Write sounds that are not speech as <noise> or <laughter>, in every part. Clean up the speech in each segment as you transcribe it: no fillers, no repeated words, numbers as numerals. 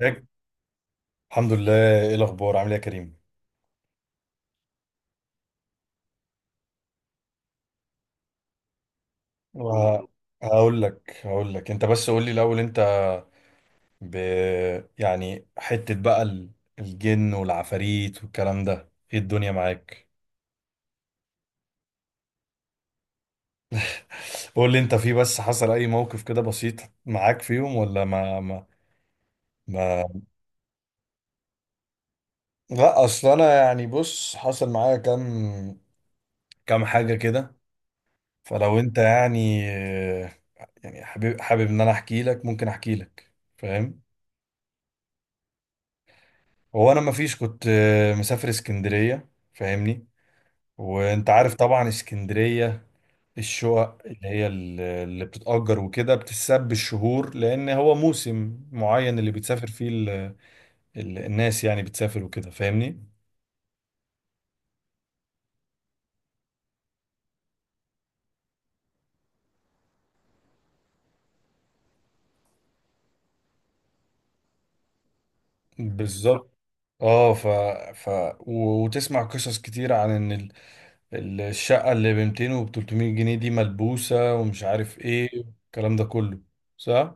ياك- الحمد لله. ايه الاخبار، عامل ايه يا كريم؟ والله ه- هقول لك انت بس قول لي الاول انت ب... يعني حتة بقى الجن والعفاريت والكلام ده، ايه الدنيا معاك؟ قول لي انت، في بس حصل اي موقف كده بسيط معاك فيهم ولا ما... لا، اصل انا يعني بص، حصل معايا كام حاجة كده، فلو انت يعني يعني حابب ان انا احكي لك، ممكن احكي لك؟ فاهم؟ هو انا مفيش كنت مسافر اسكندريه، فاهمني؟ وانت عارف طبعا اسكندريه، الشقق اللي هي اللي بتتأجر وكده بتتساب بالشهور، لان هو موسم معين اللي بتسافر فيه ال الناس، يعني بتسافر وكده، فاهمني؟ بالظبط. اه ف ف وتسمع قصص كتير عن ان الشقه اللي ب 200 و 300 جنيه دي ملبوسه ومش عارف ايه، الكلام ده كله. صح.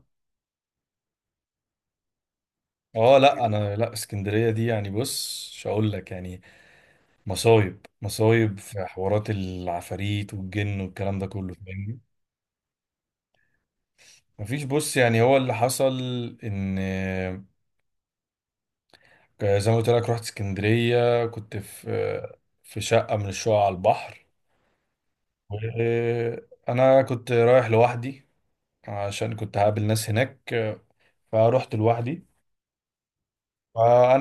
اه لا انا، لا اسكندريه دي يعني بص، مش هقول لك يعني مصايب مصايب في حوارات العفاريت والجن والكلام ده كله، فاهمني؟ مفيش بص، يعني هو اللي حصل ان زي ما قلت لك، رحت اسكندريه كنت في في شقه من الشقق على البحر. وانا كنت رايح لوحدي عشان كنت هقابل ناس هناك، فروحت لوحدي. فانا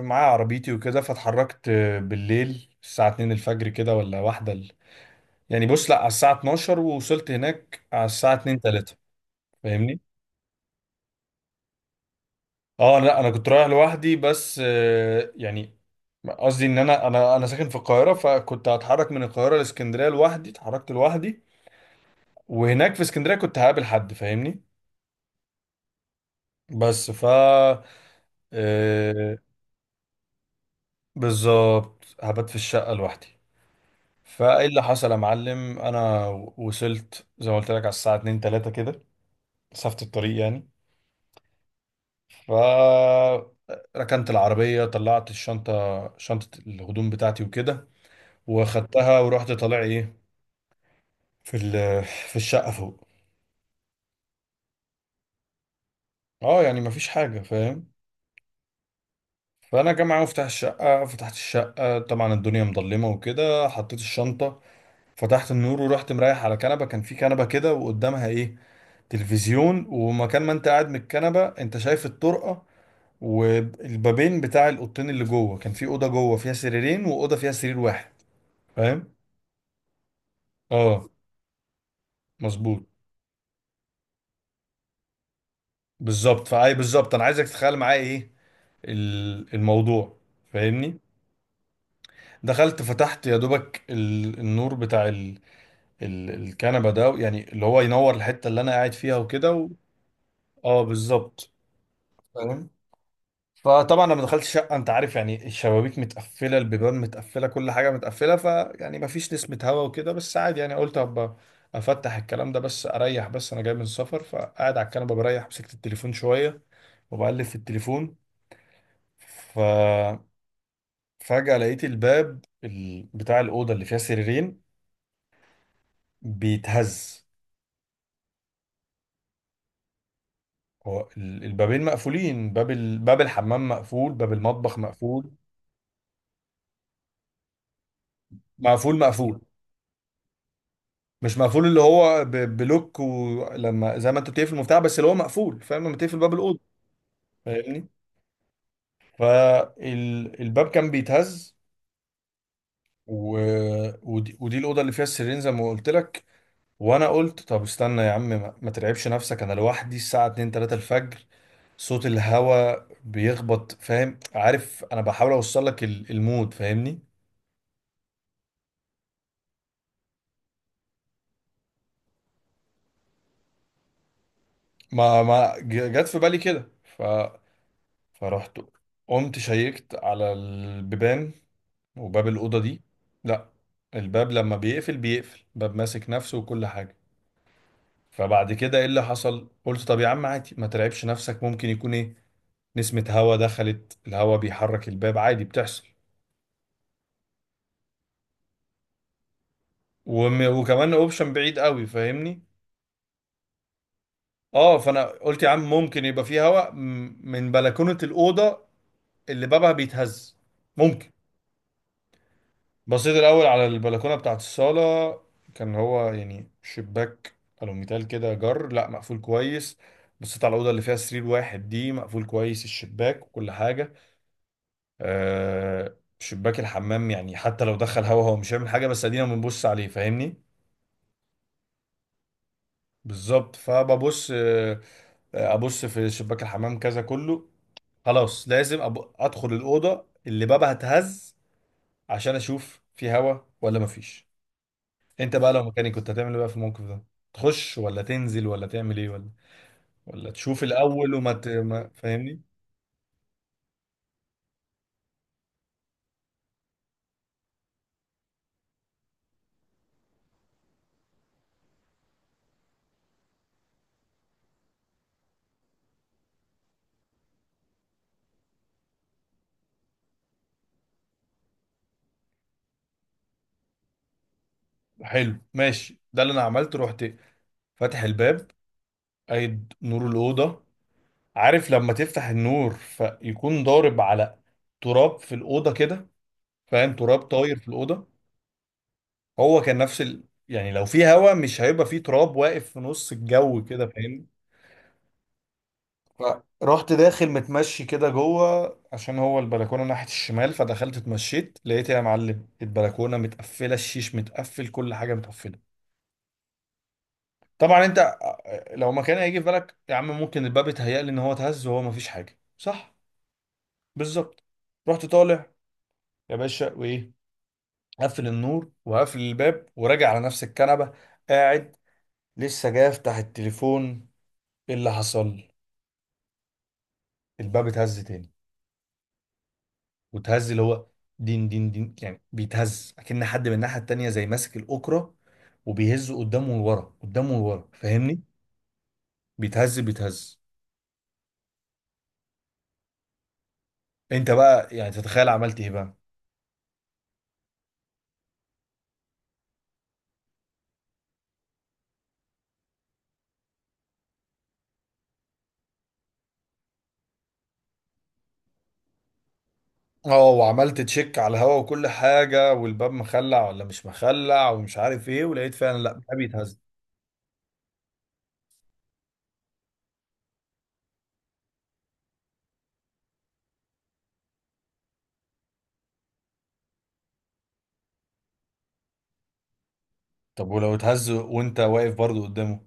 معايا عربيتي وكده، فاتحركت بالليل الساعه 2 الفجر كده، ولا واحدة، يعني بص لا، على الساعة 12، ووصلت هناك على الساعة 2 3، فاهمني؟ اه لا انا كنت رايح لوحدي، بس يعني قصدي ان انا انا ساكن في القاهرة، فكنت هتحرك من القاهرة لاسكندرية لوحدي، اتحركت لوحدي، وهناك في اسكندرية كنت هقابل حد، فاهمني؟ بس ف آه، بالظبط، هبات في الشقة لوحدي. فايه اللي حصل يا معلم؟ انا وصلت زي ما قلت لك على الساعة 2 3 كده، مسافة الطريق يعني. فركنت العربية، طلعت الشنطة، شنطة الهدوم بتاعتي وكده، واخدتها ورحت طالع ايه في في الشقة فوق. اه يعني مفيش حاجة، فاهم. فانا جامعة مفتاح الشقة، فتحت الشقة، طبعا الدنيا مظلمة وكده، حطيت الشنطة، فتحت النور ورحت مريح على كنبة، كان في كنبة كده وقدامها ايه، تلفزيون، ومكان ما انت قاعد من الكنبة انت شايف الطرقة والبابين بتاع الاوضتين اللي جوه. كان في اوضه جوه فيها سريرين واوضه فيها سرير واحد، فاهم؟ اه مظبوط. بالظبط، بالظبط انا عايزك تتخيل معايا ايه الموضوع، فاهمني؟ دخلت فتحت يا دوبك النور بتاع الكنبه ده، يعني اللي هو ينور الحته اللي انا قاعد فيها وكده اه بالظبط، فاهم. فطبعا لما دخلت الشقه، انت عارف يعني الشبابيك متقفله، البيبان متقفله، كل حاجه متقفله، فيعني مفيش نسمه هوا وكده، بس عادي يعني، قلت هبقى افتح الكلام ده بس، اريح بس، انا جاي من السفر. فقاعد على الكنبه بريح، مسكت التليفون شويه وبقلب في التليفون، ففجأة لقيت الباب بتاع الأوضة اللي فيها سريرين بيتهز. هو البابين مقفولين، باب باب الحمام مقفول، باب المطبخ مقفول، مقفول مقفول. مش مقفول اللي هو بلوك، ولما زي ما انت بتقفل المفتاح بس، اللي هو مقفول، فاهم؟ لما تقفل باب الأوضة، فاهمني؟ فالباب كان بيتهز و... ودي الأوضة اللي فيها السريرين زي ما قلت لك. وانا قلت، طب استنى يا عم، ما ما ترعبش نفسك، انا لوحدي الساعة 2 3 الفجر، صوت الهوا بيخبط، فاهم؟ عارف انا بحاول اوصل لك المود، فاهمني؟ ما ما ج- جت في بالي كده، فرحت قمت شيكت على البيبان وباب الاوضه دي، لا، الباب لما بيقفل بيقفل، باب ماسك نفسه وكل حاجه. فبعد كده، ايه اللي حصل؟ قلت طب يا عم عادي، ما ترعبش نفسك، ممكن يكون ايه، نسمة هوا دخلت، الهوا بيحرك الباب، عادي بتحصل. وكمان اوبشن بعيد قوي، فاهمني؟ اه، فانا قلت يا عم، ممكن يبقى فيه هواء من بلكونه الاوضه اللي بابها بيتهز، ممكن. بصيت الاول على البلكونه بتاعت الصاله، كان هو يعني شباك الوميتال كده جر، لا مقفول كويس. بصيت على الاوضه اللي فيها سرير واحد دي، مقفول كويس الشباك وكل حاجه. آه شباك الحمام يعني حتى لو دخل هوا هو مش هيعمل حاجه، بس ادينا بنبص عليه، فاهمني؟ بالظبط. فببص ابص في شباك الحمام كذا كله. خلاص لازم ادخل الاوضه اللي بابها اتهز عشان اشوف في هوا ولا مفيش. انت بقى لو مكاني كنت هتعمل ايه بقى في الموقف ده؟ تخش ولا تنزل ولا تعمل ايه، ولا ولا تشوف الاول وما ت... ما... فاهمني؟ حلو ماشي، ده اللي انا عملته. رحت فاتح الباب، قايد نور الاوضه. عارف لما تفتح النور فيكون ضارب على تراب في الاوضه كده، فاهم؟ تراب طاير في الاوضه. هو كان نفس يعني لو في هوا مش هيبقى في تراب واقف في نص الجو كده، فاهمني؟ فرحت داخل متمشي كده جوه، عشان هو البلكونه ناحيه الشمال. فدخلت اتمشيت لقيت يا معلم البلكونه متقفله، الشيش متقفل، كل حاجه متقفله. طبعا انت لو مكان هيجي في بالك يا عم، ممكن الباب اتهيأ لي ان هو اتهز وهو مفيش حاجه، صح؟ بالظبط. رحت طالع يا باشا، وايه، قفل النور وقفل الباب وراجع على نفس الكنبه. قاعد لسه جاي افتح التليفون، ايه اللي حصل؟ الباب اتهز تاني، وتهز اللي هو دين دين دين، يعني بيتهز اكن حد من الناحيه التانيه زي ماسك الاوكرة وبيهزه قدامه لورا قدامه لورا، فاهمني؟ بيتهز بيتهز. انت بقى يعني تتخيل عملت ايه بقى؟ اه، وعملت تشيك على الهوا وكل حاجه، والباب مخلع ولا مش مخلع ومش عارف ايه، ولقيت فعلا لا ما بيتهز. طب ولو اتهز وانت واقف برضه قدامه؟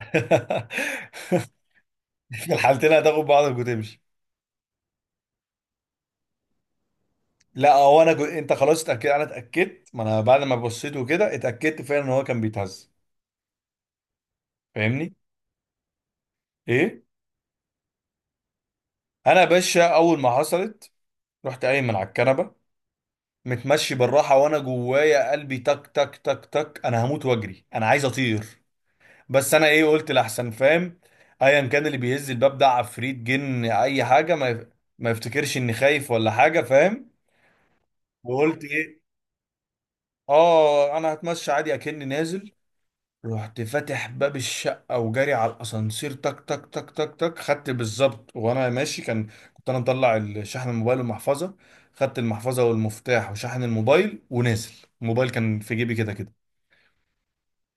<laughs> في الحالتين هتاخد بعضك وتمشي. لا، هو انا انت خلاص اتاكد، انا اتاكدت، ما انا بعد ما بصيت وكده اتاكدت فعلا ان هو كان بيتهز، فاهمني؟ ايه، انا يا باشا اول ما حصلت، رحت قايم من على الكنبه، متمشي بالراحه وانا جوايا قلبي تك تك تك تك، انا هموت واجري، انا عايز اطير، بس انا ايه قلت؟ لاحسن فاهم، ايا كان اللي بيهز الباب ده، عفريت، جن، اي حاجه، ما يفتكرش اني خايف ولا حاجه، فاهم؟ وقلت ايه، اه انا هتمشى عادي اكني نازل. رحت فاتح باب الشقة وجاري على الأسانسير تك تك تك تك تك، خدت بالظبط وأنا ماشي كان، كنت أنا مطلع شحن الموبايل والمحفظة، خدت المحفظة والمفتاح وشحن الموبايل ونازل، الموبايل كان في جيبي كده كده.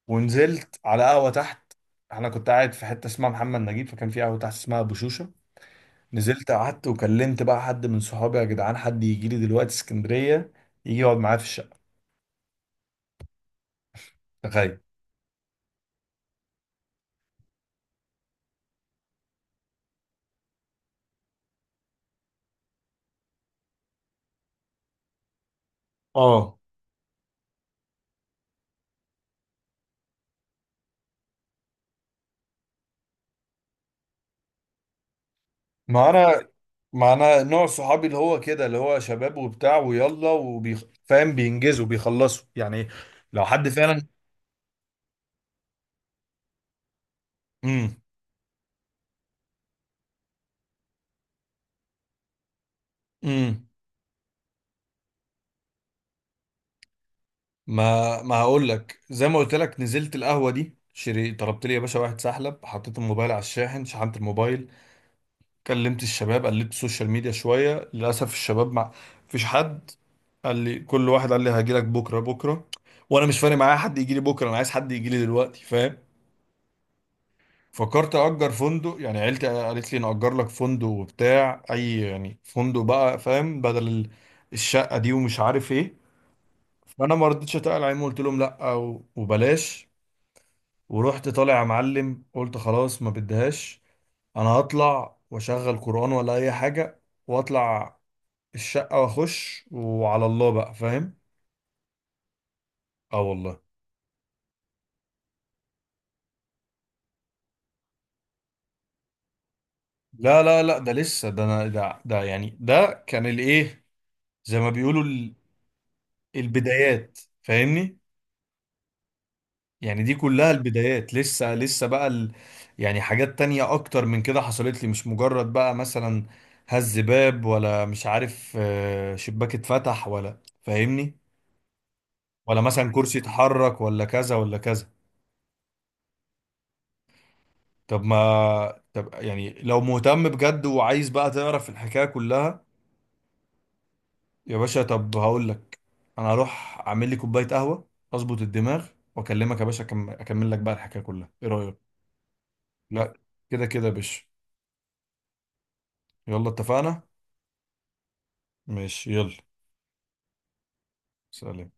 ونزلت على قهوة تحت. أنا كنت قاعد في حتة اسمها محمد نجيب، فكان في قهوة تحت اسمها أبو شوشة. نزلت قعدت وكلمت بقى حد من صحابي، يا جدعان حد يجي لي دلوقتي اسكندرية يجي يقعد معايا في الشقة. تخيل. اه، ما انا ما انا نوع صحابي اللي هو كده، اللي هو شباب وبتاع ويلا فاهم، بينجزوا بيخلصوا يعني، لو حد فعلا. امم امم ما ما هقول لك، زي ما قلت لك نزلت القهوه دي، شري طلبت لي يا باشا واحد سحلب، حطيت الموبايل على الشاحن، شحنت الموبايل، كلمت الشباب، قلبت السوشيال ميديا شويه، للاسف الشباب ما فيش حد، قال لي كل واحد قال لي هاجي لك بكره بكره، وانا مش فارق معايا حد يجي لي بكره، انا عايز حد يجي لي دلوقتي، فاهم؟ فكرت اجر فندق، يعني عيلتي قالت لي نأجر لك فندق وبتاع، اي يعني فندق بقى فاهم، بدل الشقة دي ومش عارف ايه. فانا ما رضيتش اتقل عليهم، قلت لهم لا، وبلاش. ورحت طالع يا معلم، قلت خلاص، ما بديهاش، انا هطلع واشغل قرآن ولا اي حاجة واطلع الشقة واخش، وعلى الله بقى، فاهم؟ اه والله. لا لا لا، ده لسه، ده انا ده يعني ده كان الايه، زي ما بيقولوا البدايات، فاهمني؟ يعني دي كلها البدايات، لسه لسه بقى يعني حاجات تانية اكتر من كده حصلت لي، مش مجرد بقى مثلا هز باب، ولا مش عارف شباك اتفتح، ولا فاهمني؟ ولا مثلا كرسي اتحرك، ولا كذا ولا كذا. طب ما طب يعني لو مهتم بجد وعايز بقى تعرف الحكاية كلها، يا باشا طب هقول لك، انا هروح اعمل لي كوباية قهوة اظبط الدماغ واكلمك يا باشا، اكمل لك بقى الحكاية كلها، ايه رأيك؟ لا كده كده يا باشا، يلا اتفقنا. ماشي يلا. سلام.